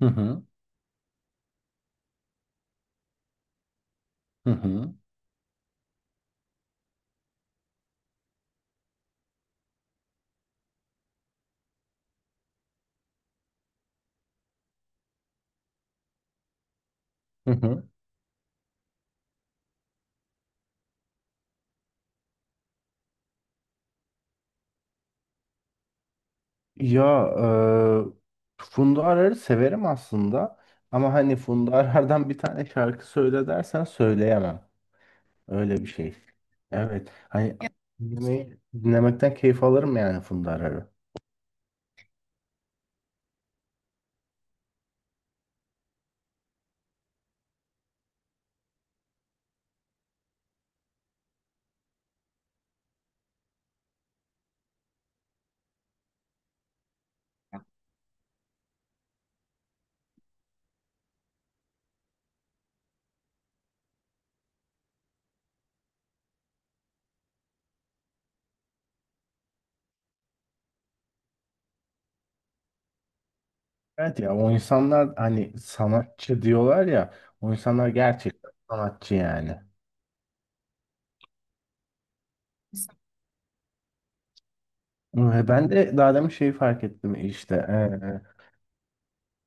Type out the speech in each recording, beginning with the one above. Hı hı. Hı hı. Hı hı. Ya Funda Arar'ı severim aslında ama hani Funda Arar'dan bir tane şarkı söyle dersen söyleyemem. Öyle bir şey. Evet. Hani dinlemekten keyif alırım yani Funda Arar'ı. Evet ya o insanlar hani sanatçı diyorlar ya o insanlar gerçekten sanatçı yani. Ve ben de daha demin şeyi fark ettim işte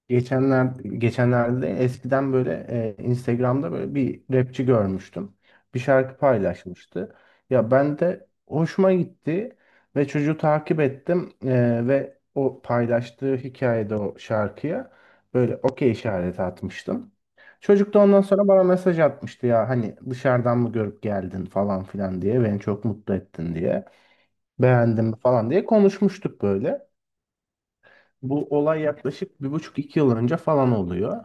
Geçenler, geçenlerde eskiden böyle Instagram'da böyle bir rapçi görmüştüm. Bir şarkı paylaşmıştı. Ya ben de hoşuma gitti ve çocuğu takip ettim. Ve o paylaştığı hikayede o şarkıya böyle okey işareti atmıştım. Çocuk da ondan sonra bana mesaj atmıştı ya hani dışarıdan mı görüp geldin falan filan diye beni çok mutlu ettin diye beğendim falan diye konuşmuştuk böyle. Bu olay yaklaşık bir buçuk iki yıl önce falan oluyor.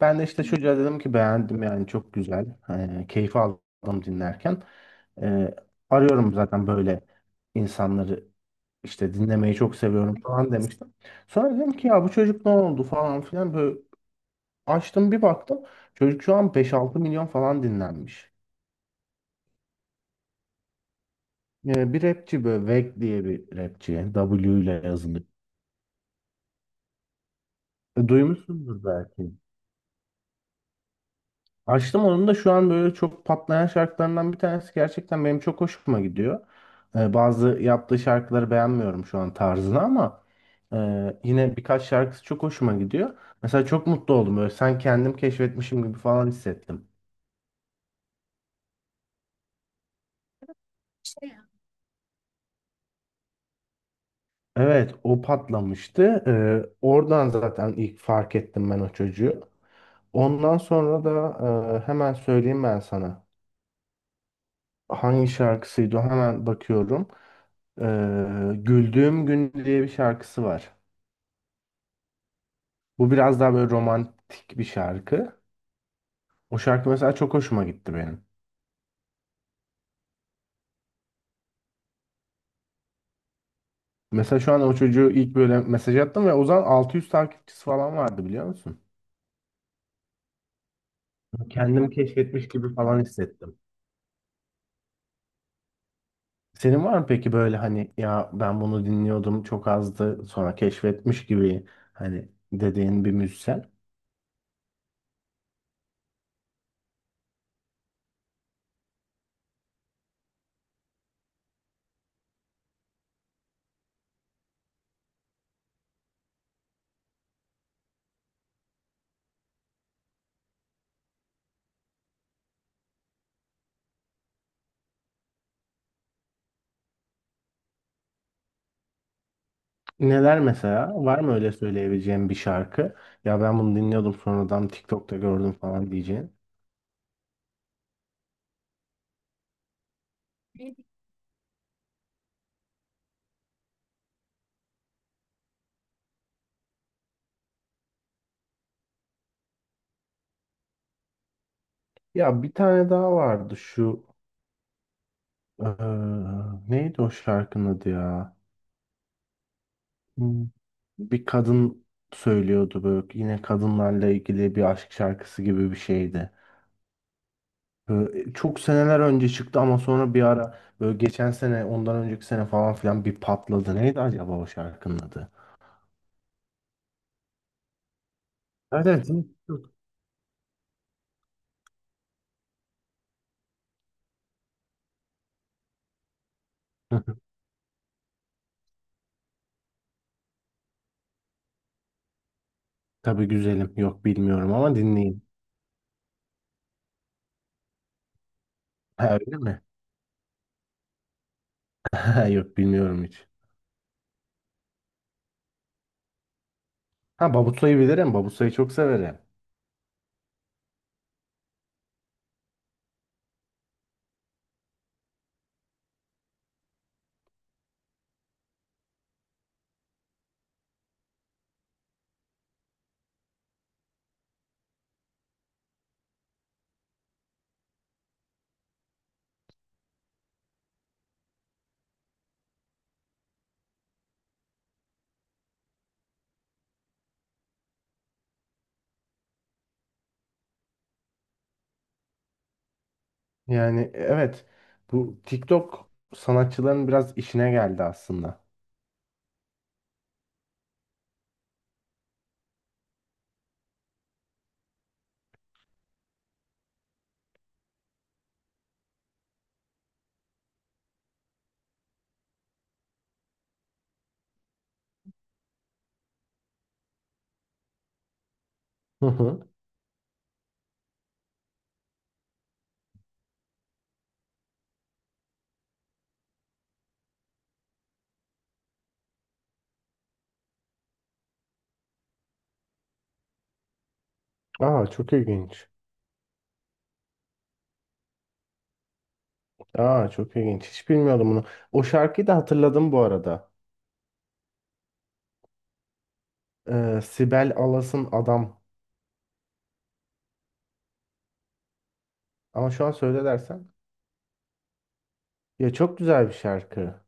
Ben de işte çocuğa dedim ki beğendim yani çok güzel. Keyif aldım dinlerken. Ee, Arıyorum zaten böyle insanları işte dinlemeyi çok seviyorum falan demiştim. Sonra dedim ki ya bu çocuk ne oldu falan filan böyle açtım bir baktım. Çocuk şu an beş altı milyon falan dinlenmiş. Bir rapçi böyle Veg diye bir rapçi. W ile yazılır. Duymuşsundur belki. Açtım onun da şu an böyle çok patlayan şarkılarından bir tanesi gerçekten benim çok hoşuma gidiyor. Bazı yaptığı şarkıları beğenmiyorum şu an tarzını ama e, yine birkaç şarkısı çok hoşuma gidiyor. Mesela çok mutlu oldum böyle sen kendim keşfetmişim gibi falan hissettim. Evet o patlamıştı. Oradan zaten ilk fark ettim ben o çocuğu. Ondan sonra da hemen söyleyeyim ben sana. Hangi şarkısıydı o? Hemen bakıyorum. Güldüğüm Gün diye bir şarkısı var. Bu biraz daha böyle romantik bir şarkı. O şarkı mesela çok hoşuma gitti benim. Mesela şu an o çocuğu ilk böyle mesaj attım ve o zaman 600 takipçisi falan vardı biliyor musun? Kendimi keşfetmiş gibi falan hissettim. Senin var mı peki böyle hani ya ben bunu dinliyordum çok azdı sonra keşfetmiş gibi hani dediğin bir müzisyen? Neler mesela? Var mı öyle söyleyebileceğim bir şarkı? Ya ben bunu dinliyordum sonradan TikTok'ta gördüm falan diyeceğin. Ya bir tane daha vardı şu eee, neydi o şarkının adı ya? Hmm, Bir kadın söylüyordu böyle yine kadınlarla ilgili bir aşk şarkısı gibi bir şeydi. Böyle çok seneler önce çıktı ama sonra bir ara böyle geçen sene ondan önceki sene falan filan bir patladı. Neydi acaba o şarkının adı? Evet, evet. Hı. Tabii güzelim. Yok bilmiyorum ama dinleyeyim. Ha, öyle mi? Ha, yok bilmiyorum hiç. Ha, Babusay'ı bilirim. Babusay'ı çok severim. Yani evet, bu TikTok sanatçıların biraz işine geldi aslında. Hı hı. Aa, çok ilginç. Aa, çok ilginç. Hiç bilmiyordum bunu. O şarkıyı da hatırladım bu arada. Sibel Alas'ın Adam. Ama şu an söyle dersen. Ya çok güzel bir şarkı.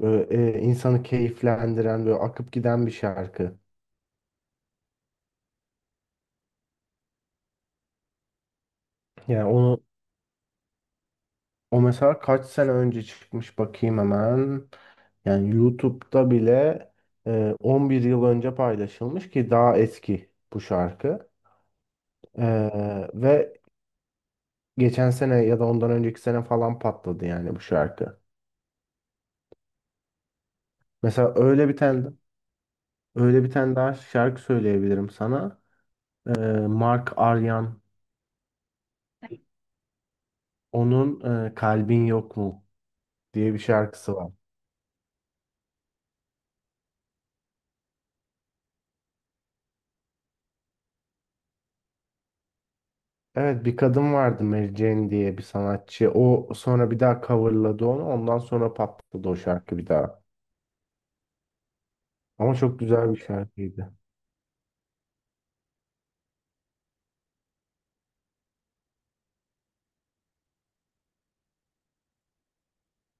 Böyle, insanı keyiflendiren böyle akıp giden bir şarkı. Yani onu o mesela kaç sene önce çıkmış bakayım hemen. Yani YouTube'da bile 11 yıl önce paylaşılmış ki daha eski bu şarkı. E, ve geçen sene ya da ondan önceki sene falan patladı yani bu şarkı. Mesela öyle bir tane öyle bir tane daha şarkı söyleyebilirim sana. E, Mark Aryan onun Kalbin Yok Mu diye bir şarkısı var. Evet, bir kadın vardı Mary Jane diye bir sanatçı. O sonra bir daha coverladı onu. Ondan sonra patladı o şarkı bir daha. Ama çok güzel bir şarkıydı.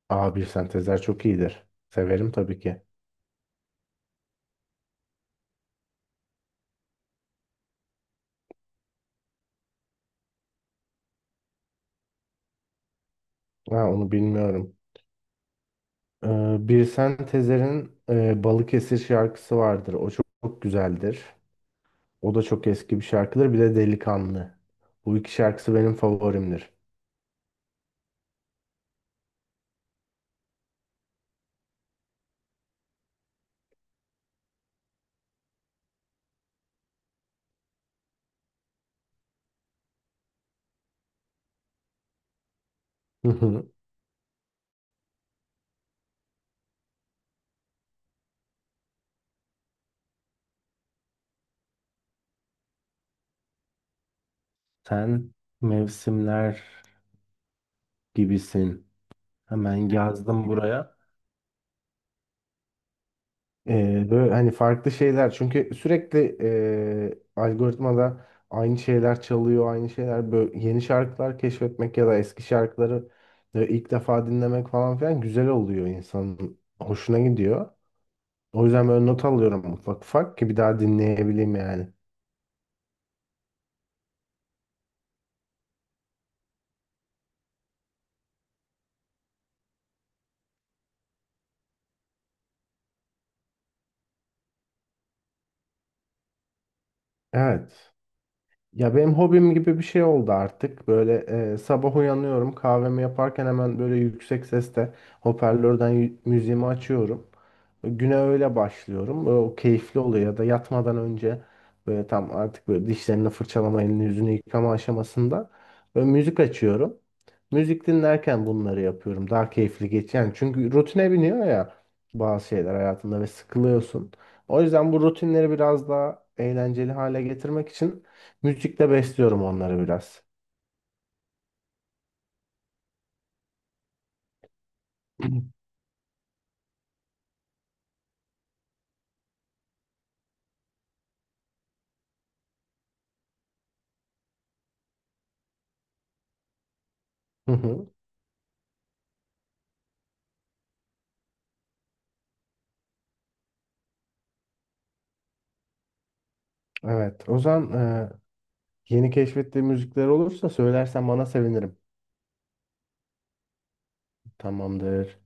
Aa, bir sentezler çok iyidir. Severim tabii ki. Ha, onu bilmiyorum. Birsen Sentezer'in Balıkesir şarkısı vardır. O çok, çok güzeldir. O da çok eski bir şarkıdır. Bir de Delikanlı. Bu iki şarkısı benim favorimdir. Hı hı. Sen mevsimler gibisin. Hemen yazdım buraya. Böyle hani farklı şeyler çünkü sürekli algoritmada aynı şeyler çalıyor aynı şeyler, böyle yeni şarkılar keşfetmek ya da eski şarkıları ilk defa dinlemek falan filan güzel oluyor, insanın hoşuna gidiyor. O yüzden böyle not alıyorum ufak ufak ki bir daha dinleyebileyim yani. Evet. Ya benim hobim gibi bir şey oldu artık. Böyle, sabah uyanıyorum, kahvemi yaparken hemen böyle yüksek sesle hoparlörden müziğimi açıyorum. Güne öyle başlıyorum. Böyle o keyifli oluyor ya da yatmadan önce böyle tam artık böyle dişlerini fırçalama, elini yüzünü yıkama aşamasında böyle müzik açıyorum. Müzik dinlerken bunları yapıyorum. Daha keyifli geçiyor. Yani çünkü rutine biniyor ya bazı şeyler hayatında ve sıkılıyorsun. O yüzden bu rutinleri biraz daha eğlenceli hale getirmek için müzikle besliyorum onları biraz. Hı hı. Evet. O zaman yeni keşfettiğin müzikler olursa söylersen bana sevinirim. Tamamdır.